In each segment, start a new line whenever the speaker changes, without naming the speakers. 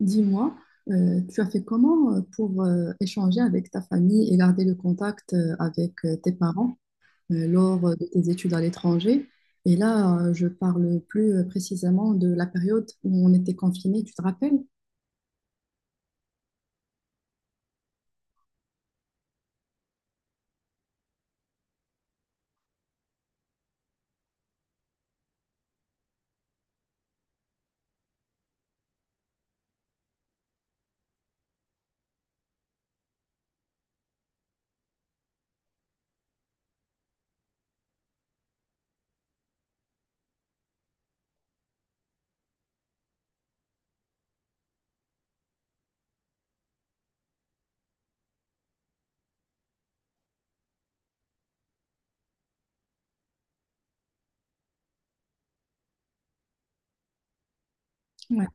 Dis-moi, tu as fait comment pour échanger avec ta famille et garder le contact avec tes parents lors de tes études à l'étranger? Et là, je parle plus précisément de la période où on était confinés, tu te rappelles? Ouais.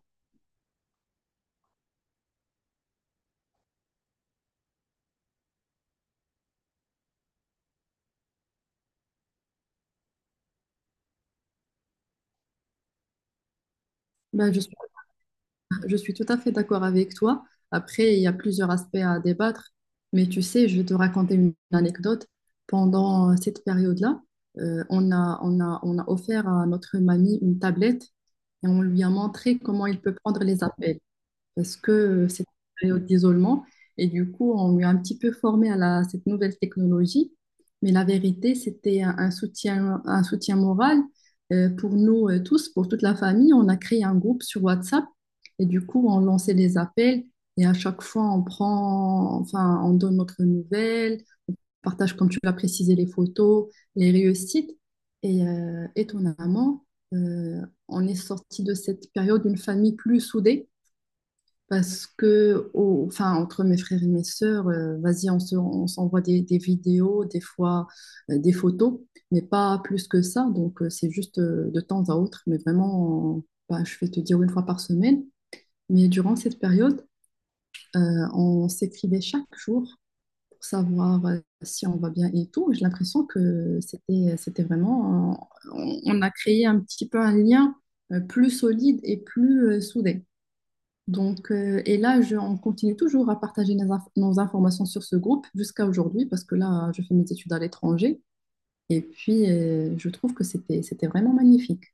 Ben, je suis Je suis tout à fait d'accord avec toi. Après, il y a plusieurs aspects à débattre, mais tu sais, je vais te raconter une anecdote. Pendant cette période-là, on a offert à notre mamie une tablette et on lui a montré comment il peut prendre les appels parce que c'était une période d'isolement. Et du coup, on lui a un petit peu formé à cette nouvelle technologie. Mais la vérité, c'était un soutien moral pour nous tous, pour toute la famille. On a créé un groupe sur WhatsApp et du coup, on lançait les appels. Et à chaque fois, on prend, enfin, on donne notre nouvelle, on partage, comme tu l'as précisé, les photos, les réussites. Et étonnamment, euh, on est sorti de cette période d'une famille plus soudée parce que, enfin, entre mes frères et mes sœurs, vas-y, on s'envoie des vidéos, des fois des photos, mais pas plus que ça. Donc, c'est juste de temps à autre, mais vraiment, bah, je vais te dire une fois par semaine. Mais durant cette période, euh, on s'écrivait chaque jour pour savoir si on va bien et tout. J'ai l'impression que c'était vraiment, on a créé un petit peu un lien plus solide et plus soudé. Donc, et là, on continue toujours à partager nos informations sur ce groupe jusqu'à aujourd'hui, parce que là, je fais mes études à l'étranger. Et puis, je trouve que c'était vraiment magnifique.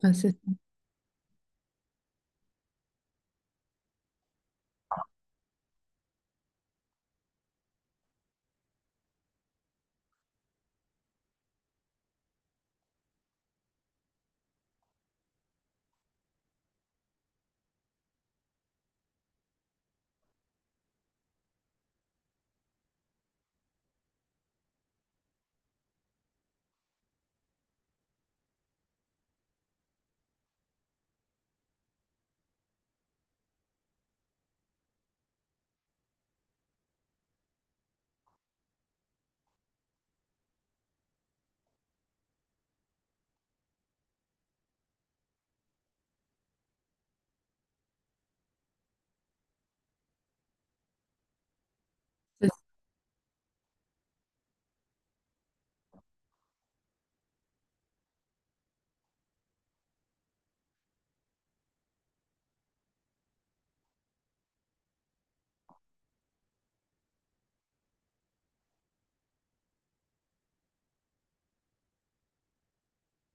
Enfin, c'est- c'est-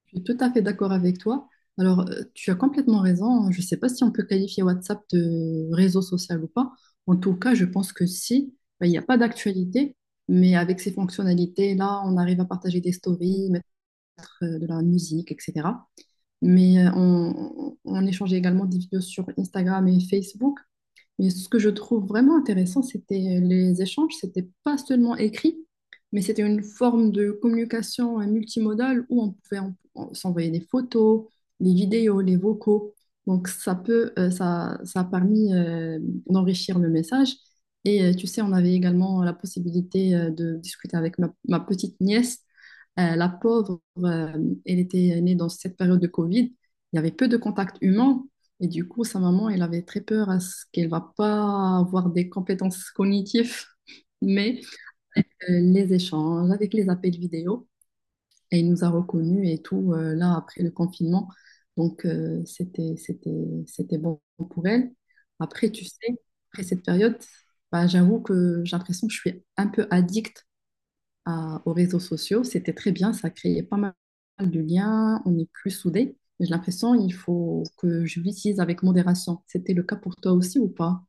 je suis tout à fait d'accord avec toi. Alors, tu as complètement raison. Je ne sais pas si on peut qualifier WhatsApp de réseau social ou pas. En tout cas, je pense que si, ben, il n'y a pas d'actualité. Mais avec ces fonctionnalités-là, on arrive à partager des stories, mettre de la musique, etc. Mais on échangeait également des vidéos sur Instagram et Facebook. Mais ce que je trouve vraiment intéressant, c'était les échanges. C'était pas seulement écrit, mais c'était une forme de communication multimodale où on pouvait s'envoyer des photos, des vidéos, les vocaux. Donc ça a permis d'enrichir le message. Et tu sais, on avait également la possibilité de discuter avec ma petite nièce. La pauvre, elle était née dans cette période de Covid. Il y avait peu de contacts humains. Et du coup, sa maman, elle avait très peur à ce qu'elle va pas avoir des compétences cognitives, mais les échanges avec les appels vidéo, et il nous a reconnus et tout, là, après le confinement. Donc, c'était bon pour elle. Après, tu sais, après cette période, bah, j'avoue que j'ai l'impression que je suis un peu addict aux réseaux sociaux, c'était très bien, ça créait pas mal de liens, on est plus soudés. Mais j'ai l'impression il faut que je l'utilise avec modération. C'était le cas pour toi aussi ou pas?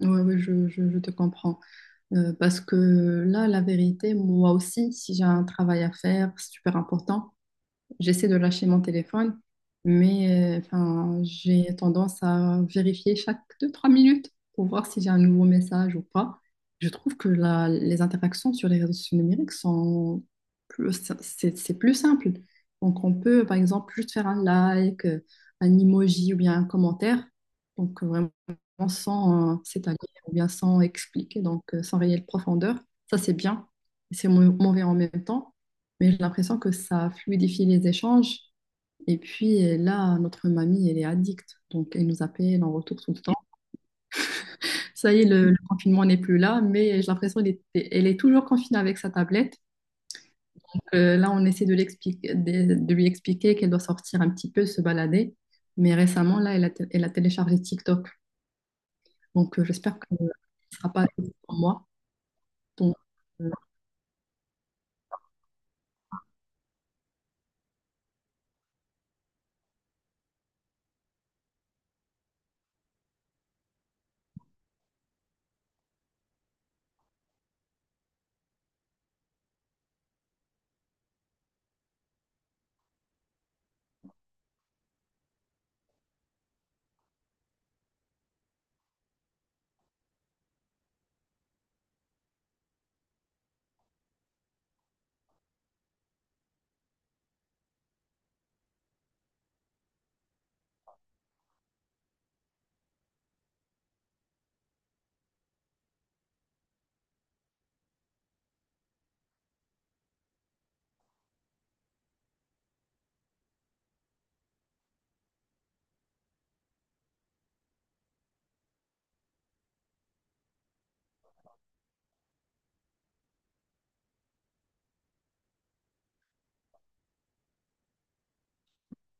Oui, oui, je te comprends. Parce que là, la vérité, moi aussi, si j'ai un travail à faire super important, j'essaie de lâcher mon téléphone, mais enfin, j'ai tendance à vérifier chaque deux-trois minutes pour voir si j'ai un nouveau message ou pas. Je trouve que les interactions sur les réseaux sociaux numériques sont plus, c'est plus simple. Donc, on peut, par exemple, juste faire un like, un emoji ou bien un commentaire. Donc, vraiment sans s'étaler ou bien sans expliquer, donc sans réelle profondeur. Ça, c'est bien. C'est mauvais en même temps. Mais j'ai l'impression que ça fluidifie les échanges. Et puis là, notre mamie, elle est addict. Donc, elle nous appelle en retour tout le temps. Ça y est, le confinement n'est plus là, mais j'ai l'impression qu'elle elle est toujours confinée avec sa tablette. Là, on essaie de, de lui expliquer qu'elle doit sortir un petit peu, se balader. Mais récemment, là, elle a téléchargé TikTok. Donc, j'espère que ce ne sera pas pour moi. Donc, euh,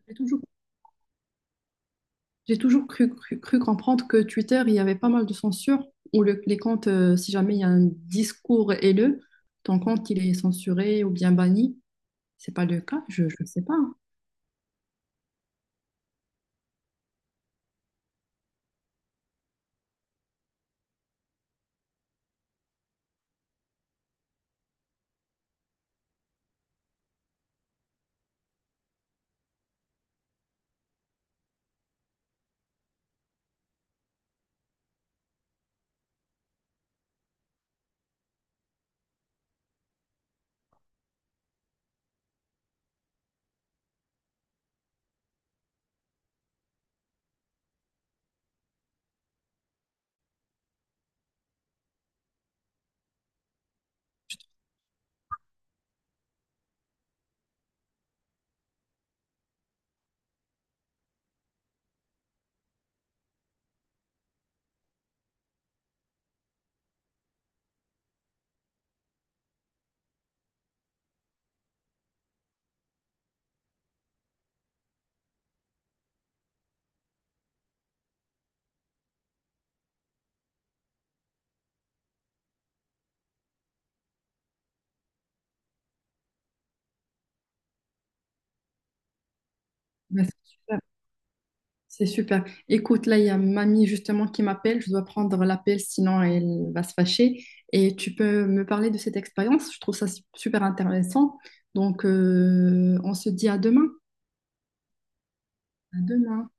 elle est toujours j'ai toujours cru comprendre que Twitter, il y avait pas mal de censure, où les comptes, si jamais il y a un discours haineux, ton compte, il est censuré ou bien banni. C'est pas le cas, je ne sais pas. Ouais, c'est super. C'est super. Écoute, là, il y a mamie justement qui m'appelle. Je dois prendre l'appel, sinon elle va se fâcher. Et tu peux me parler de cette expérience. Je trouve ça super intéressant. Donc, on se dit à demain. À demain.